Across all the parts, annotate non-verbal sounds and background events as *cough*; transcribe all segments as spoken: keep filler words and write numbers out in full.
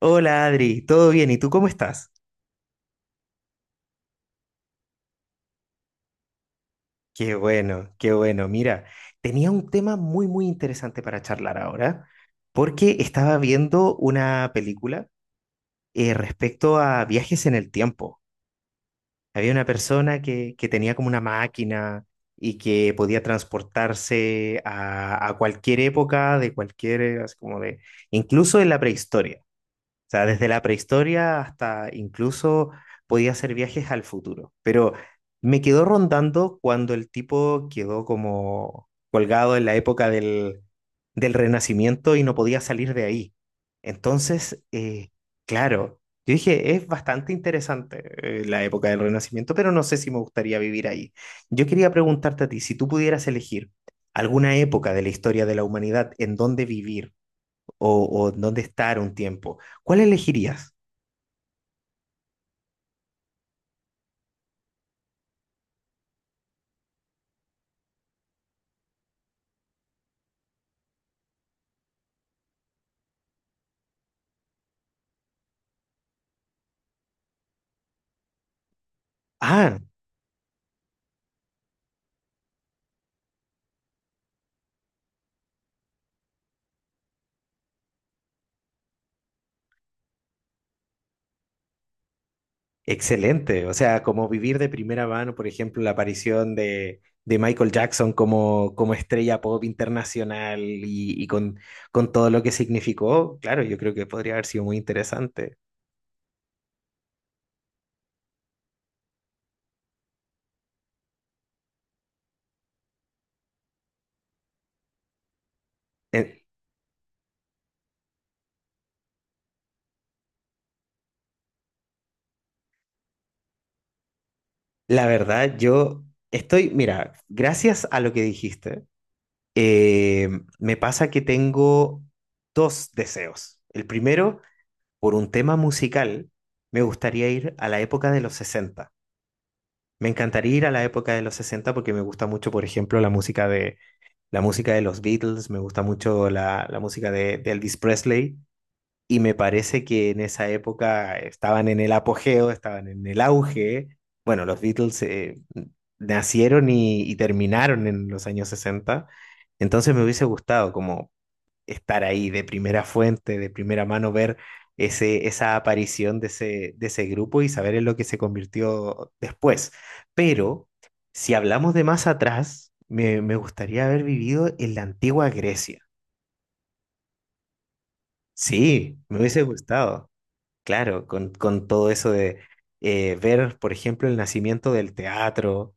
Hola Adri, ¿todo bien? ¿Y tú cómo estás? Qué bueno, qué bueno. Mira, tenía un tema muy, muy interesante para charlar ahora, porque estaba viendo una película eh, respecto a viajes en el tiempo. Había una persona que, que tenía como una máquina y que podía transportarse a, a cualquier época, de cualquier, eh, así como de, incluso en la prehistoria. O sea, desde la prehistoria hasta incluso podía hacer viajes al futuro. Pero me quedó rondando cuando el tipo quedó como colgado en la época del, del Renacimiento y no podía salir de ahí. Entonces, eh, claro, yo dije, es bastante interesante eh, la época del Renacimiento, pero no sé si me gustaría vivir ahí. Yo quería preguntarte a ti, si tú pudieras elegir alguna época de la historia de la humanidad en donde vivir, o, o dónde estar un tiempo, ¿cuál elegirías? Ah, excelente. O sea, como vivir de primera mano, por ejemplo, la aparición de, de Michael Jackson como, como estrella pop internacional y, y con, con todo lo que significó, claro, yo creo que podría haber sido muy interesante. Eh, la verdad, yo estoy, mira, gracias a lo que dijiste, eh, me pasa que tengo dos deseos. El primero por un tema musical, me gustaría ir a la época de los sesenta. Me encantaría ir a la época de los sesenta porque me gusta mucho, por ejemplo, la música de, la música de los Beatles, me gusta mucho la, la música de, de Elvis Presley y me parece que en esa época estaban en el apogeo, estaban en el auge. Bueno, los Beatles eh, nacieron y, y terminaron en los años sesenta. Entonces me hubiese gustado como estar ahí de primera fuente, de primera mano, ver ese, esa aparición de ese, de ese grupo y saber en lo que se convirtió después. Pero si hablamos de más atrás, me, me gustaría haber vivido en la antigua Grecia. Sí, me hubiese gustado. Claro, con, con todo eso de eh, ver, por ejemplo, el nacimiento del teatro,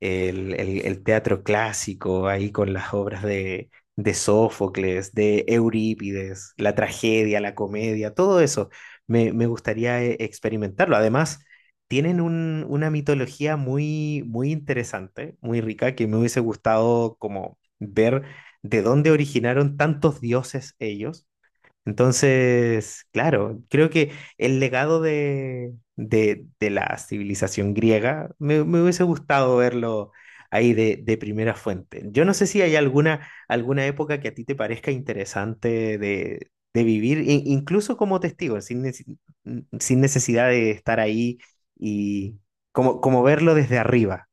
el, el- el teatro clásico, ahí con las obras de, de Sófocles, de Eurípides, la tragedia, la comedia, todo eso, me, me gustaría eh, experimentarlo. Además, tienen un- una mitología muy, muy interesante, muy rica, que me hubiese gustado como ver de dónde originaron tantos dioses ellos, entonces, claro, creo que el legado de, de, de la civilización griega me, me hubiese gustado verlo ahí de, de primera fuente. Yo no sé si hay alguna, alguna época que a ti te parezca interesante de, de vivir, i- incluso como testigo, sin, nece- sin necesidad de estar ahí y como, como verlo desde arriba,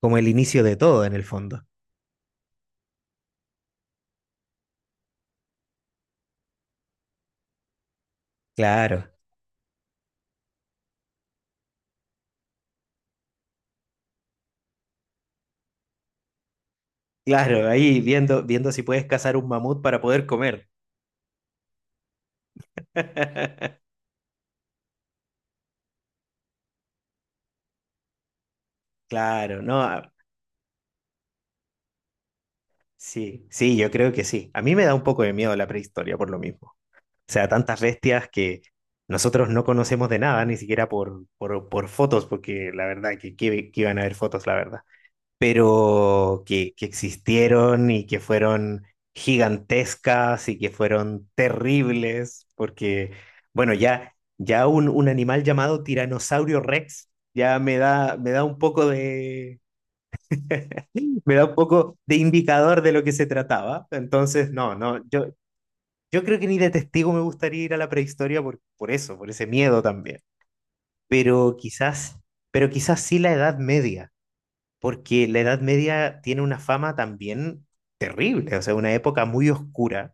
como el inicio de todo en el fondo. Claro, claro, ahí viendo, viendo si puedes cazar un mamut para poder comer. *laughs* Claro, no, a- sí, sí, yo creo que sí. A mí me da un poco de miedo la prehistoria por lo mismo. O sea, tantas bestias que nosotros no conocemos de nada, ni siquiera por, por, por fotos, porque la verdad que, que, que iban a haber fotos, la verdad. Pero que, que existieron y que fueron gigantescas y que fueron terribles, porque, bueno, ya, ya un, un animal llamado Tiranosaurio Rex ya me da, me da un poco de... me da un poco de indicador de lo que se trataba. Entonces, no, no, yo, yo creo que ni de testigo me gustaría ir a la prehistoria por, por eso, por ese miedo también. Pero quizás, pero quizás sí la Edad Media, porque la Edad Media tiene una fama también terrible, o sea, una época muy oscura,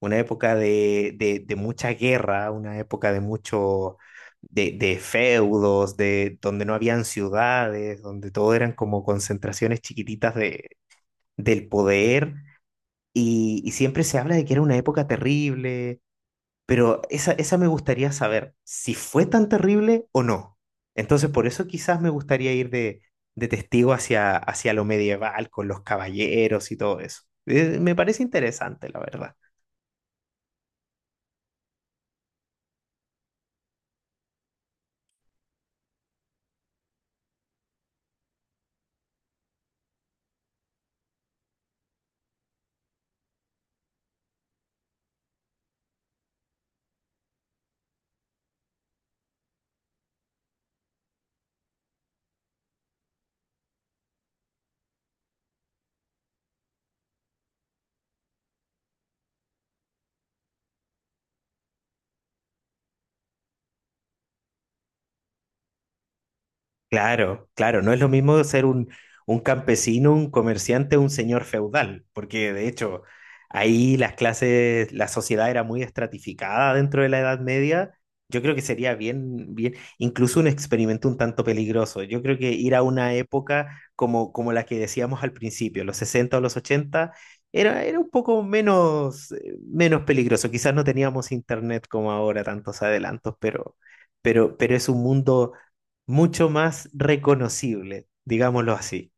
una época de, de, de mucha guerra, una época de mucho... De, de feudos, de donde no habían ciudades, donde todo eran como concentraciones chiquititas de, del poder y, y siempre se habla de que era una época terrible, pero esa, esa me gustaría saber si fue tan terrible o no. Entonces, por eso quizás me gustaría ir de, de testigo hacia, hacia lo medieval, con los caballeros y todo eso. Eh, me parece interesante, la verdad. Claro, claro, no es lo mismo ser un, un campesino, un comerciante, un señor feudal, porque de hecho ahí las clases, la sociedad era muy estratificada dentro de la Edad Media. Yo creo que sería bien, bien, incluso un experimento un tanto peligroso. Yo creo que ir a una época como, como la que decíamos al principio, los sesenta o los ochenta, era, era un poco menos, eh, menos peligroso. Quizás no teníamos internet como ahora, tantos adelantos, pero, pero, pero es un mundo mucho más reconocible, digámoslo así.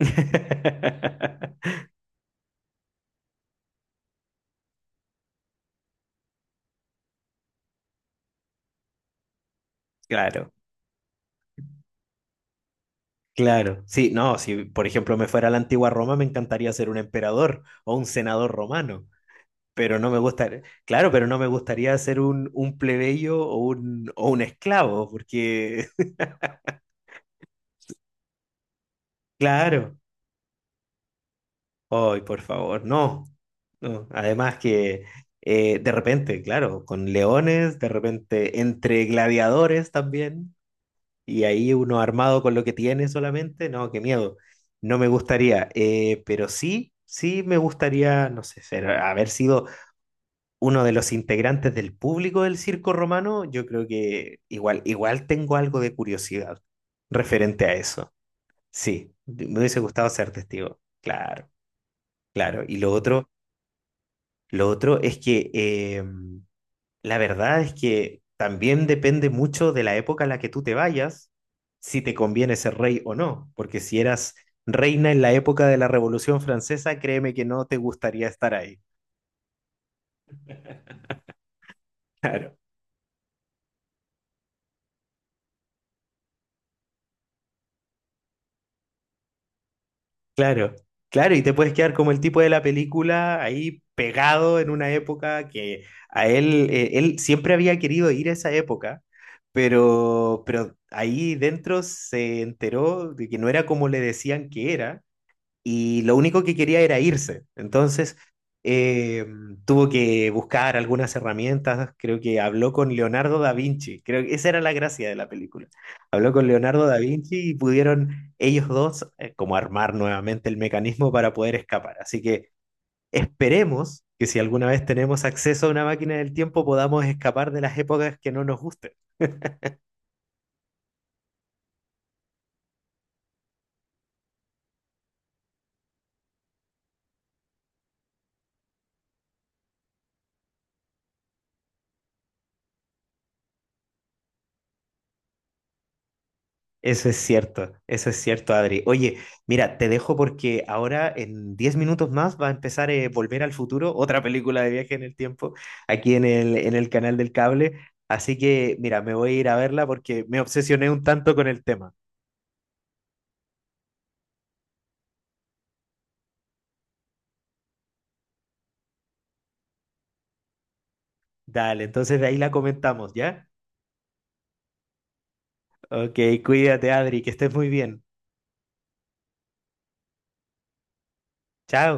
*laughs* Claro, claro. Sí, no, si por ejemplo me fuera a la antigua Roma, me encantaría ser un emperador o un senador romano, pero no me gustaría, claro, pero no me gustaría ser un, un plebeyo o un, o un esclavo, porque, *laughs* claro, ay, por favor, no. No, además que eh, de repente, claro, con leones, de repente entre gladiadores también. Y ahí uno armado con lo que tiene solamente, no, qué miedo. No me gustaría, eh, pero sí, sí me gustaría, no sé, ser- haber sido uno de los integrantes del público del circo romano. Yo creo que igual, igual tengo algo de curiosidad referente a eso. Sí, me hubiese gustado ser testigo, claro, claro. Y lo otro, lo otro es que eh, la verdad es que también depende mucho de la época a la que tú te vayas, si te conviene ser rey o no, porque si eras reina en la época de la Revolución Francesa, créeme que no te gustaría estar ahí. Claro, claro, claro, y te puedes quedar como el tipo de la película ahí pegado en una época que a él, eh, él siempre había querido ir a esa época, pero, pero ahí dentro se enteró de que no era como le decían que era y lo único que quería era irse. Entonces, eh, tuvo que buscar algunas herramientas, creo que habló con Leonardo da Vinci, creo que esa era la gracia de la película. Habló con Leonardo da Vinci y pudieron ellos dos eh, como armar nuevamente el mecanismo para poder escapar. Así que esperemos que si alguna vez tenemos acceso a una máquina del tiempo podamos escapar de las épocas que no nos gusten. Eso es cierto, eso es cierto, Adri. Oye, mira, te dejo porque ahora en diez minutos más va a empezar eh, Volver al Futuro, otra película de viaje en el tiempo, aquí en el, en el canal del cable. Así que, mira, me voy a ir a verla porque me obsesioné un tanto con el tema. Dale, entonces de ahí la comentamos, ¿ya? Ok, cuídate, Adri, que estés muy bien. Chao.